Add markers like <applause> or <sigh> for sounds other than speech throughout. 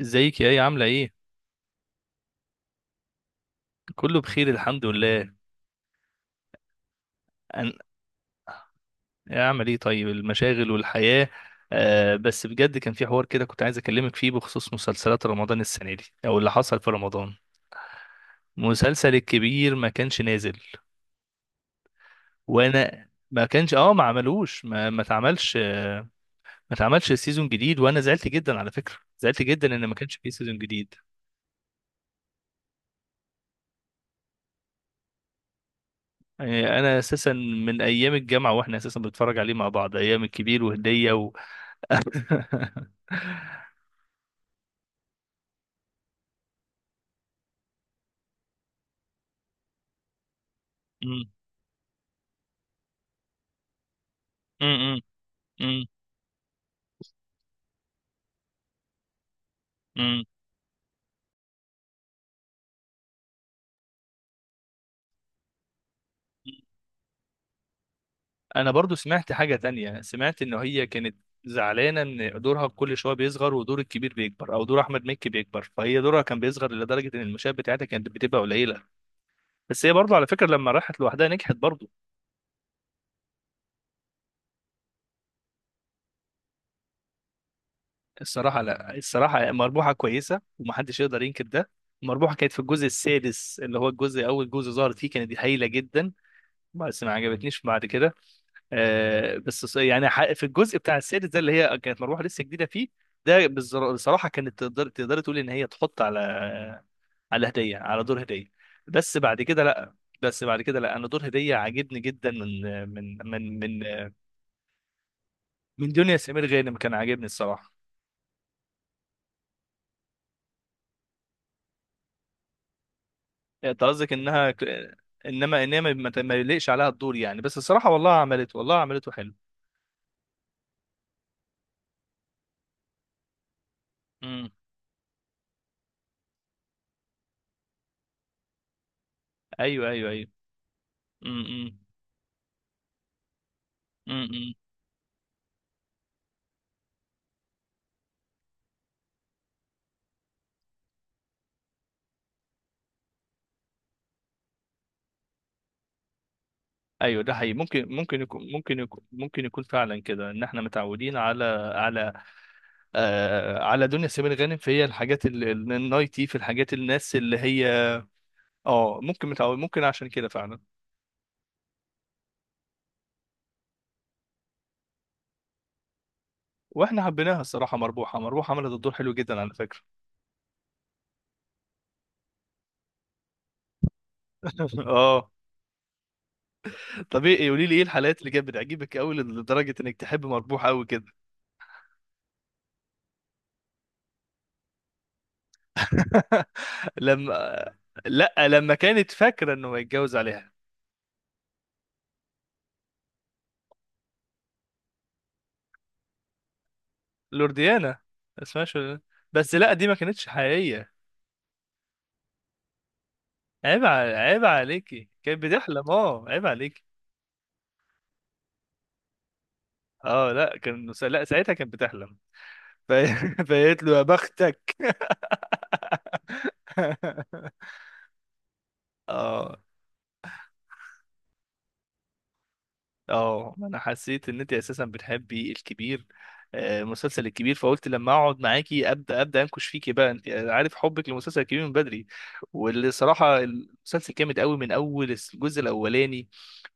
ازيك يا ايه؟ عاملة ايه؟ كله بخير الحمد لله. أن... اعمل ايه؟ طيب المشاغل والحياة. آه بس بجد كان في حوار كده، كنت عايز اكلمك فيه بخصوص مسلسلات رمضان السنة دي او اللي حصل في رمضان. مسلسل الكبير ما كانش نازل، وانا ما كانش اه ما عملوش ما اتعملش ما اتعملش سيزون جديد، وانا زعلت جدا على فكرة، زعلت جدا ان ما كانش فيه سيزون جديد. يعني انا اساسا من ايام الجامعة واحنا اساسا بنتفرج عليه مع بعض ايام الكبير وهدية و <laughs> <laughs> امم امم انا برضو سمعت حاجة تانية، سمعت ان هي كانت زعلانة ان دورها كل شوية بيصغر ودور الكبير بيكبر او دور احمد مكي بيكبر، فهي دورها كان بيصغر لدرجة ان المشاهد بتاعتها كانت بتبقى قليلة. بس هي برضو على فكرة لما راحت لوحدها نجحت برضو. الصراحة لا، الصراحة مربوحة كويسة ومحدش يقدر ينكر ده. مربوحة كانت في الجزء السادس، اللي هو الجزء اول جزء ظهرت فيه، كانت هايلة جدا، بس ما عجبتنيش بعد كده. آه، بس ص- يعني ح- في الجزء بتاع السادس ده اللي هي كانت مروحه لسه جديده فيه، بصراحه كانت تقدر تقول ان هي تحط على على هديه على دور هديه. بس بعد كده لا. انا دور هديه عاجبني جدا من من من من من دنيا سمير غانم، كان عاجبني الصراحه. انت قصدك انها انما ما يليقش عليها الدور يعني، بس الصراحه والله عملت، والله عملته حلو. امم. ايوه ايوه ايوه. امم. ايوه ده حقيقي، ممكن ممكن يكون فعلا كده ان احنا متعودين على على على دنيا سمير غانم، فهي الحاجات النايتي في الحاجات، الناس اللي هي اه ممكن متعود، ممكن عشان كده فعلا. واحنا حبيناها الصراحه، مربوحه مربوحه عملت الدور حلو جدا على فكره. <laughs> اه. طب ايه؟ قولي لي ايه الحلقات اللي كانت بتعجبك قوي لدرجه انك تحب مربوحه قوي كده؟ <laughs> لما لا، لما كانت فاكره انه هيتجوز عليها لورديانا. اسمها شو؟ بس لا، دي ما كانتش حقيقيه. عيب ع- عيب عليكي، كانت بتحلم، اه عيب عليكي. اه لا كان لا ساعتها كانت بتحلم. ف- <laughs> فقالت له يا بختك. <laughs> اه. اه انا حسيت ان انت اساسا بتحبي الكبير، مسلسل الكبير، فقلت لما اقعد معاكي ابدا انكش فيكي بقى، انت عارف حبك لمسلسل الكبير من بدري. واللي صراحه المسلسل جامد قوي من اول الجزء الاولاني،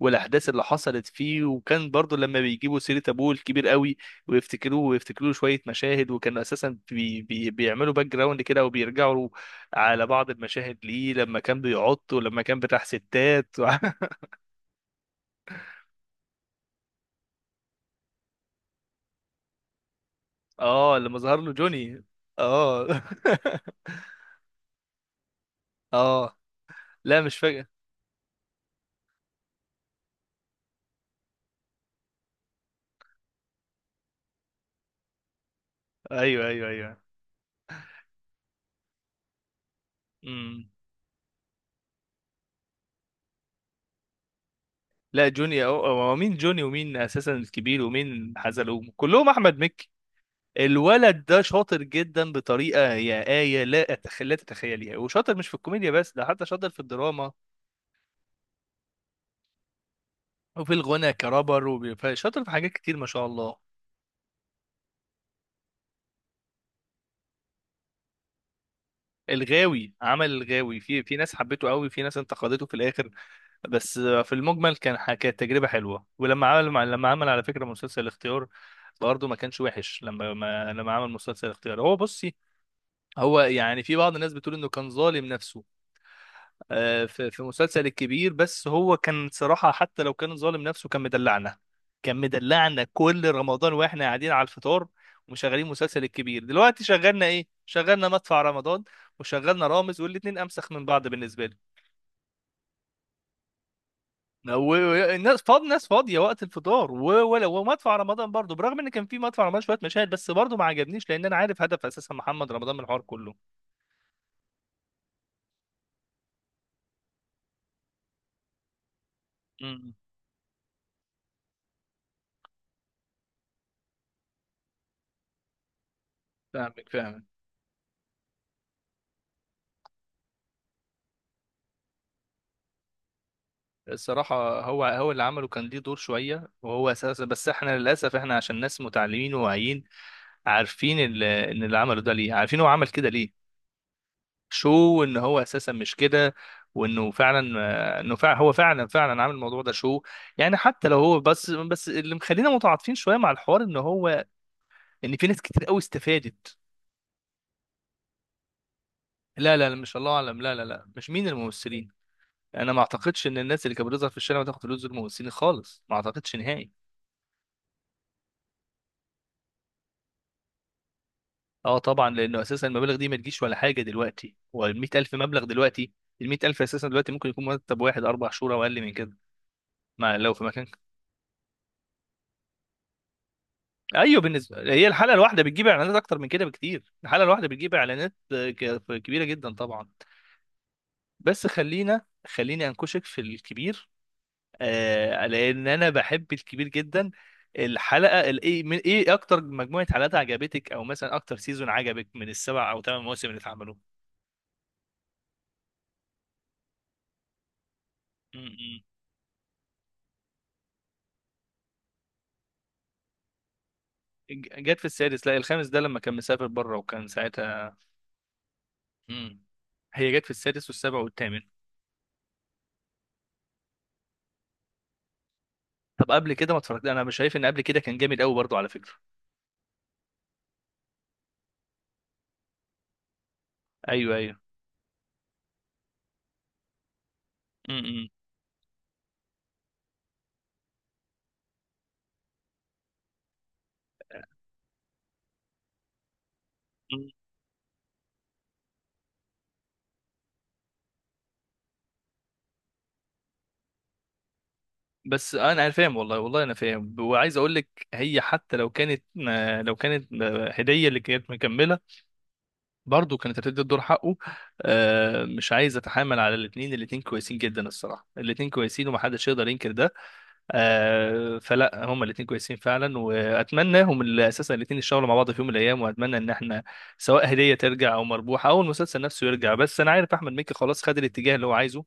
والاحداث اللي حصلت فيه، وكان برضو لما بيجيبوا سيره ابوه الكبير قوي، ويفتكروه ويفتكروا له شويه مشاهد، وكانوا اساسا بي بي بيعملوا باك جراوند كده وبيرجعوا على بعض المشاهد ليه لما كان بيعط ولما كان بتاع ستات. <laughs> اه لما ظهر له جوني. اه. <laughs> اه لا مش فاكر. ايوه ايوه ايوه. امم. لا هو مين جوني ومين اساسا الكبير ومين حزلقوم؟ كلهم احمد مكي. الولد ده شاطر جدا بطريقه يا آية، لا تتخيليها. وشاطر مش في الكوميديا بس، ده حتى شاطر في الدراما وفي الغنى كرابر، وشاطر في حاجات كتير ما شاء الله. الغاوي عمل الغاوي في في ناس حبته قوي، في ناس انتقدته في الاخر، بس في المجمل كانت تجربة حلوة. ولما عمل لما عمل على فكرة مسلسل الاختيار برضه ما كانش وحش. لما ما لما عمل مسلسل الاختيار هو بصي، هو يعني في بعض الناس بتقول انه كان ظالم نفسه في في مسلسل الكبير، بس هو كان صراحة حتى لو كان ظالم نفسه كان مدلعنا. كان مدلعنا كل رمضان واحنا قاعدين على الفطار ومشغلين مسلسل الكبير. دلوقتي شغلنا ايه؟ شغلنا مدفع رمضان وشغلنا رامز، والاتنين امسخ من بعض بالنسبة لي. الناس فاض ناس فاضيه وقت الفطار، ولو ومدفع رمضان برضو، برغم ان كان في مدفع رمضان شويه مشاهد بس برضو ما عجبنيش، لان انا عارف هدف اساسا محمد رمضان من الحوار كله. امم. فاهمك. الصراحه هو اللي عمله كان ليه دور شويه، وهو اساسا بس احنا للاسف احنا عشان ناس متعلمين وواعيين عارفين ان اللي عمله ده ليه، عارفين هو عمل كده ليه. شو ان هو اساسا مش كده، وانه فعلا انه فعلا هو فعلا عامل الموضوع ده شو. يعني حتى لو هو بس اللي مخلينا متعاطفين شويه مع الحوار ان هو لان في ناس كتير قوي استفادت. لا مش الله اعلم، لا مش مين الممثلين. انا ما اعتقدش ان الناس اللي كانت بتظهر في الشارع بتاخد فلوس دول ممثلين خالص، ما اعتقدش نهائي. اه طبعا، لانه اساسا المبالغ دي ما تجيش ولا حاجه دلوقتي. هو ال 100000 مبلغ دلوقتي؟ ال 100000 اساسا دلوقتي ممكن يكون مرتب واحد اربع شهور او اقل من كده. ما لو في مكان. ايوه بالنسبه، هي الحلقه الواحده بتجيب اعلانات اكتر من كده بكتير، الحلقه الواحده بتجيب اعلانات كبيره جدا طبعا. بس خليني انكشك في الكبير، آه لان انا بحب الكبير جدا. الحلقه الايه من ايه؟ اكتر مجموعه حلقات عجبتك، او مثلا اكتر سيزون عجبك من السبع او ثمان مواسم اللي اتعملوا؟ م- م. جت في السادس. لا الخامس ده لما كان مسافر بره، وكان ساعتها. م. هي جت في السادس والسابع والثامن. طب قبل كده ما اتفرجت؟ انا مش شايف ان قبل كده كان جامد قوي برضو على فكره. ايوه ايوه. م- م. م. بس انا فاهم، والله انا فاهم، وعايز اقول لك هي حتى لو كانت لو كانت هديه اللي كانت مكمله، برضه كانت هتدي الدور حقه. مش عايز اتحامل على الاثنين، الاثنين كويسين جدا الصراحه، الاثنين كويسين ومحدش يقدر ينكر ده. فلا هما الاثنين كويسين فعلا، واتمناهم اللي اساسا الاثنين يشتغلوا مع بعض في يوم من الايام، واتمنى ان احنا سواء هديه ترجع او مربوحه او المسلسل نفسه يرجع. بس انا عارف احمد مكي خلاص خد الاتجاه اللي هو عايزه،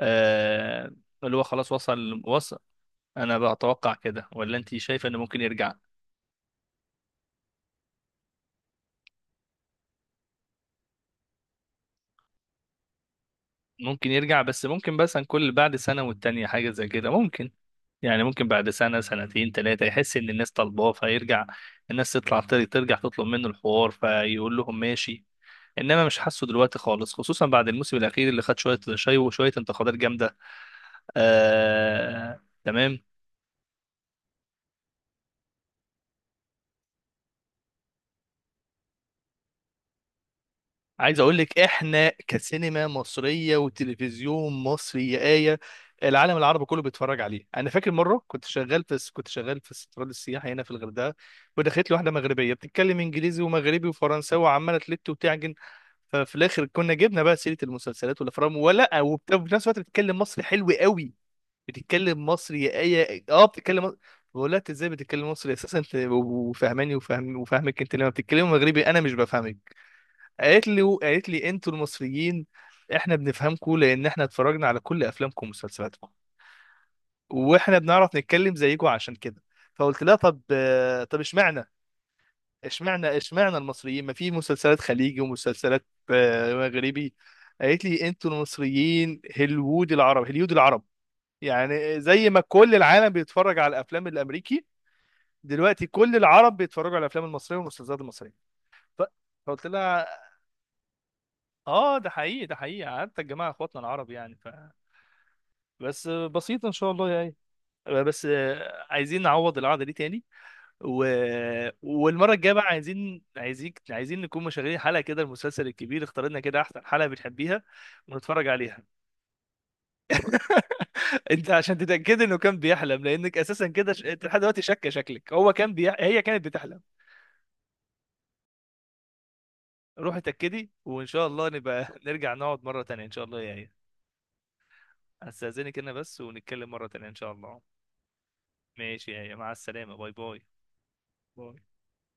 آه، اللي هو خلاص وصل وصل. انا بتوقع كده، ولا انت شايفه انه ممكن يرجع؟ ممكن يرجع بس، ممكن بس عن كل بعد سنه والتانيه حاجه زي كده ممكن. يعني ممكن بعد سنة سنتين تلاتة يحس إن الناس طالباه فيرجع، الناس تطلع ترجع تطلب منه الحوار فيقول لهم ماشي. إنما مش حاسه دلوقتي خالص، خصوصا بعد الموسم الأخير اللي خد شوية شاي وشوية انتقادات جامدة. تمام. عايز اقول لك احنا كسينما مصريه وتلفزيون مصري يا ايه، العالم العربي كله بيتفرج عليه. انا فاكر مره كنت شغال في استراد السياحه هنا في الغردقه، ودخلت لي واحده مغربيه بتتكلم انجليزي ومغربي وفرنساوي وعماله تلت وتعجن. ففي الاخر كنا جبنا بقى سيره المسلسلات والافلام ولا وفي نفس الوقت بتتكلم مصري حلو قوي. بتتكلم مصري يا ايه، اه بتتكلم مصري. بقول لها انت ازاي بتتكلم مصري اساسا، انت وفاهماني وفاهم وفاهمك، انت لما بتتكلمي مغربي انا مش بفهمك. قالت لي انتوا المصريين احنا بنفهمكم لان احنا اتفرجنا على كل افلامكم ومسلسلاتكم، واحنا بنعرف نتكلم زيكم عشان كده. فقلت لها طب طب اشمعنى، اشمعنى المصريين، ما في مسلسلات خليجي ومسلسلات مغربي؟ قالت لي انتوا المصريين هليوود العرب، هليود العرب. يعني زي ما كل العالم بيتفرج على الافلام الامريكي، دلوقتي كل العرب بيتفرجوا على الافلام المصريه والمسلسلات المصريه. ف- فقلت لها اه ده حقيقي، ده حقيقي حتى الجماعه اخواتنا العرب يعني بس بسيط ان شاء الله يعني. بس عايزين نعوض القعده دي تاني و... والمره الجايه بقى عايزين نكون مشغلين حلقه كده المسلسل الكبير، اخترنا كده احسن حلقه بتحبيها ونتفرج عليها. <laughs> انت عشان تتاكد انه كان بيحلم، لانك اساسا كده انت لحد دلوقتي شاكه شكلك هي كانت بتحلم. روحي اتاكدي، وان شاء الله نبقى <laughs> نرجع نقعد مره تانيه ان شاء الله يا ايه. استاذنك انا بس، ونتكلم مره تانيه ان شاء الله. ماشي، يا مع السلامة، باي باي. باي.